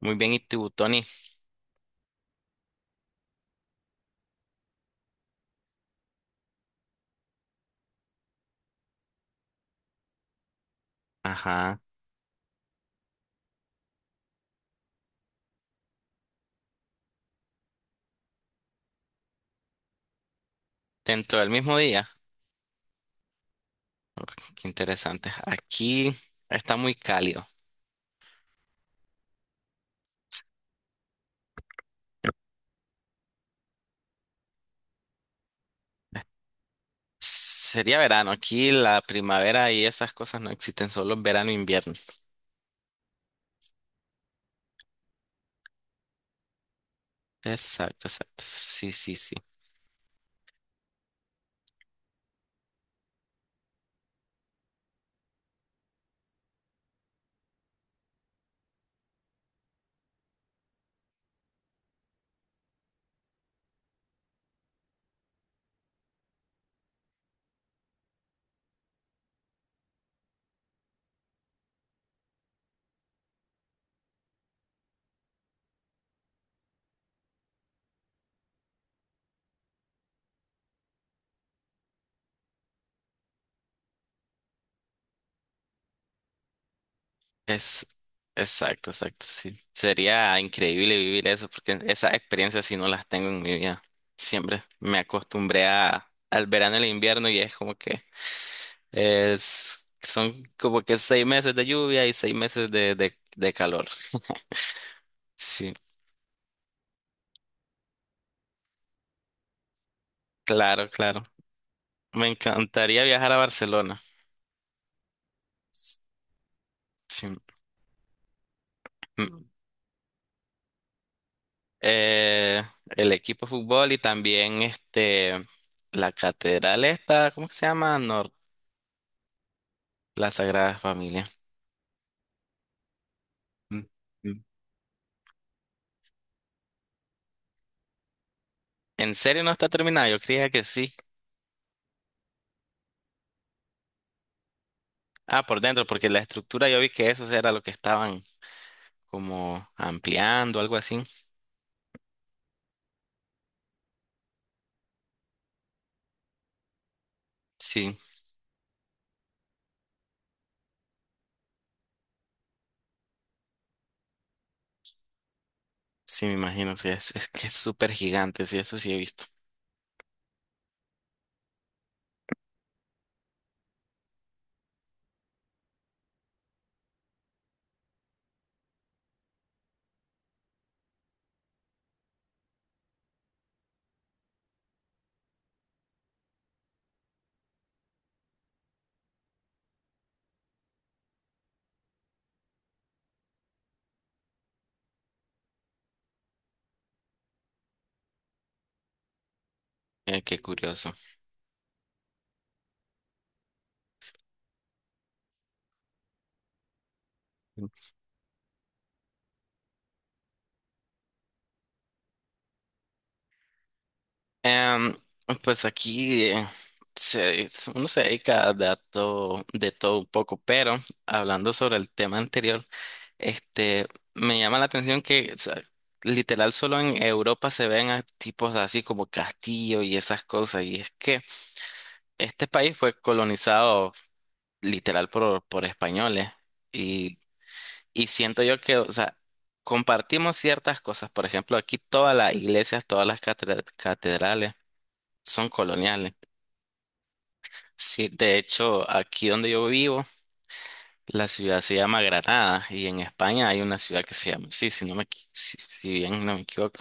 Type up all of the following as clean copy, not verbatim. Muy bien, ¿y tú, Tony? Ajá. Dentro del mismo día. Ok, qué interesante. Aquí está muy cálido. Sería verano. Aquí la primavera y esas cosas no existen, solo verano e invierno. Exacto, exacto. Sí, sí, sí. Es Exacto, exacto. Sí. Sería increíble vivir eso porque esas experiencias sí no las tengo en mi vida. Siempre me acostumbré al verano y el invierno, y es como que Es, son como que seis meses de lluvia y seis meses de calor. Sí, claro, claro. Me encantaría viajar a Barcelona. Sí. Mm. Eh, el equipo de fútbol y también la catedral esta, ¿cómo que se llama? La Sagrada Familia. Mm. Mm. ¿En serio no está terminada? Yo creía que sí. Ah, por dentro, porque la estructura yo vi que eso era lo que estaban como ampliando, algo así. Sí. Sí, me imagino, sí, es que es súper gigante, sí, eso sí he visto. Qué curioso. Em, pues aquí se- uno se dedica a de todo un poco, pero hablando sobre el tema anterior, este, me llama la atención que, o sea, literal solo en Europa se ven a tipos así como castillo y esas cosas, y es que este país fue colonizado literal por españoles. Y siento yo que, o sea, compartimos ciertas cosas. Por ejemplo, aquí todas las iglesias, todas las catedrales son coloniales. Sí, de hecho, aquí donde yo vivo, la ciudad se llama Granada, y en España hay una ciudad que se llama así, si no me, si bien no me equivoco.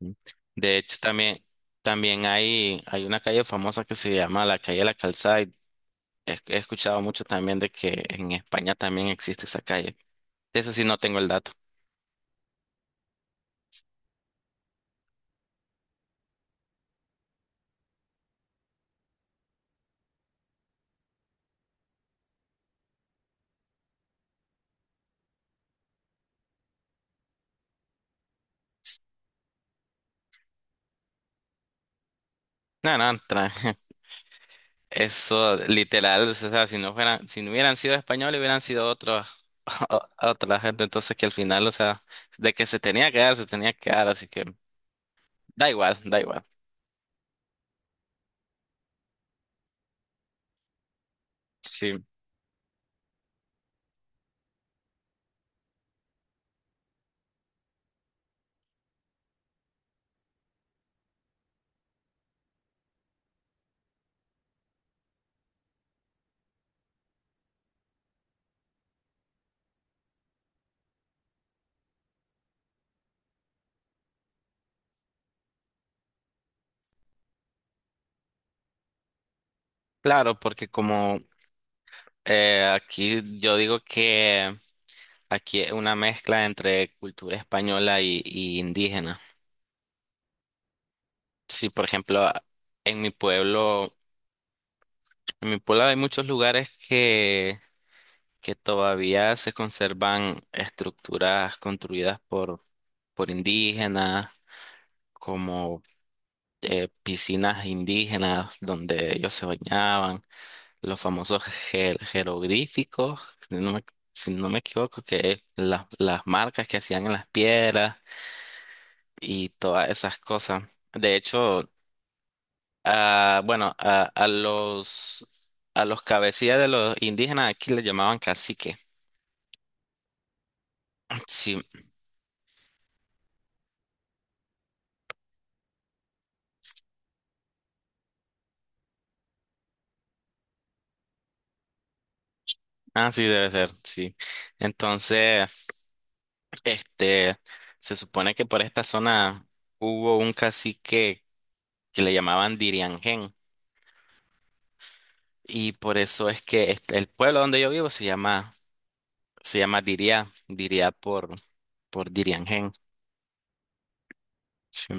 Ujú. De hecho, también, también hay una calle famosa que se llama la calle de la Calzada, y he escuchado mucho también de que en España también existe esa calle. De eso sí no tengo el dato. No, no, tranqui. Eso, literal, o sea, si no fueran, si no hubieran sido españoles, hubieran sido otros, otra gente. Entonces, que al final, o sea, de que se tenía que dar, se tenía que dar, así que da igual, da igual. Sí, claro, porque como aquí yo digo que aquí es una mezcla entre cultura española y indígena. Sí, por ejemplo, en mi pueblo, en mi pueblo hay muchos lugares que todavía se conservan estructuras construidas por indígenas, como piscinas indígenas donde ellos se bañaban, los famosos jeroglíficos, si no me, si no me equivoco, que es las marcas que hacían en las piedras y todas esas cosas. De hecho, ah, bueno, a los... A los cabecillas de los indígenas aquí les llamaban cacique. Sí, ah, sí, debe ser, sí. Entonces, este, se supone que por esta zona hubo un cacique que le llamaban Diriangén, y por eso es que el pueblo donde yo vivo se llama, se llama Diria, Diria por Diriangén. Sí,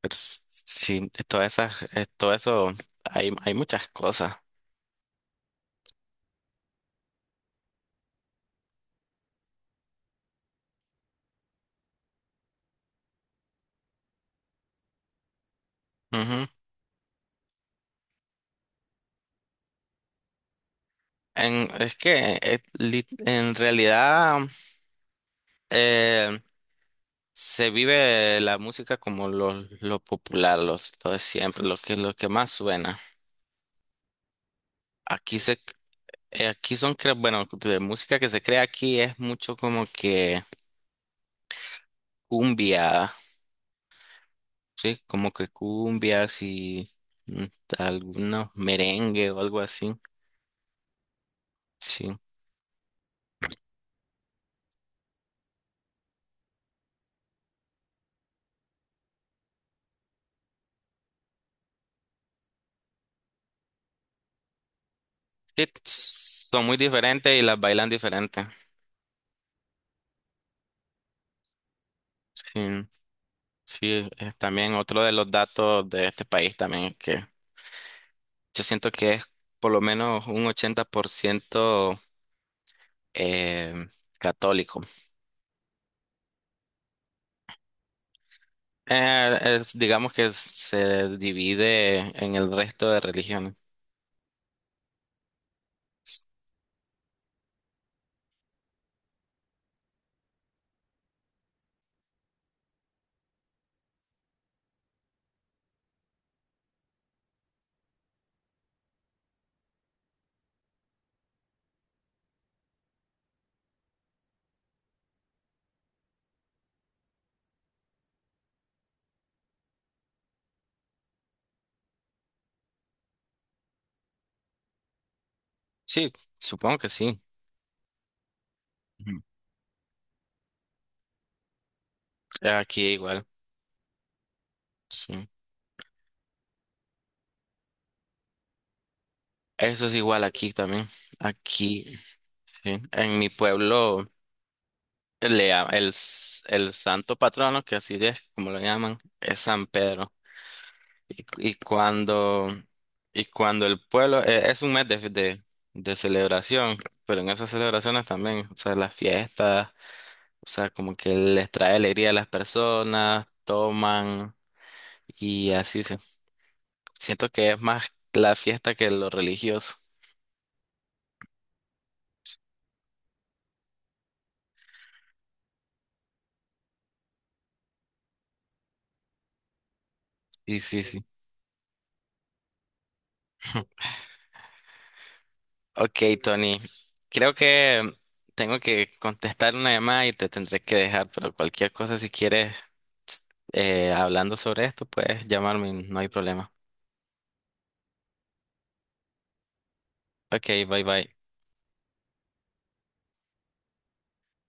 pero sí, todas esas, todo eso hay muchas cosas. Ujú. En, es que en realidad eh, se vive la música como lo popular, lo de siempre, lo que más suena. Aquí se Aquí son, bueno, de música que se crea aquí es mucho como que cumbia, ¿sí? Como que cumbias y mm, algunos merengue o algo así, sí. Sí, son muy diferentes y las bailan diferentes. Sí, sí, también otro de los datos de este país también es que yo siento que es por lo menos un 80% eh, católico. Digamos que se divide en el resto de religiones. Sí, supongo que sí. Ujú. Aquí igual, sí. Eso es igual aquí también. Aquí, sí. En mi pueblo, le, llama- el, s- el santo patrono, que así es como lo llaman, es San Pedro. Y, y cuando el pueblo, es un mes de celebración, pero en esas celebraciones también, o sea, las fiestas, o sea, como que les trae alegría a las personas, toman y así. Siento que es más la fiesta que lo religioso. Sí, sí, sí. Ok, Tony. Creo que tengo que contestar una llamada y te tendré que dejar, pero cualquier cosa, si quieres, hablando sobre esto, puedes llamarme, no hay problema. Ok, bye bye.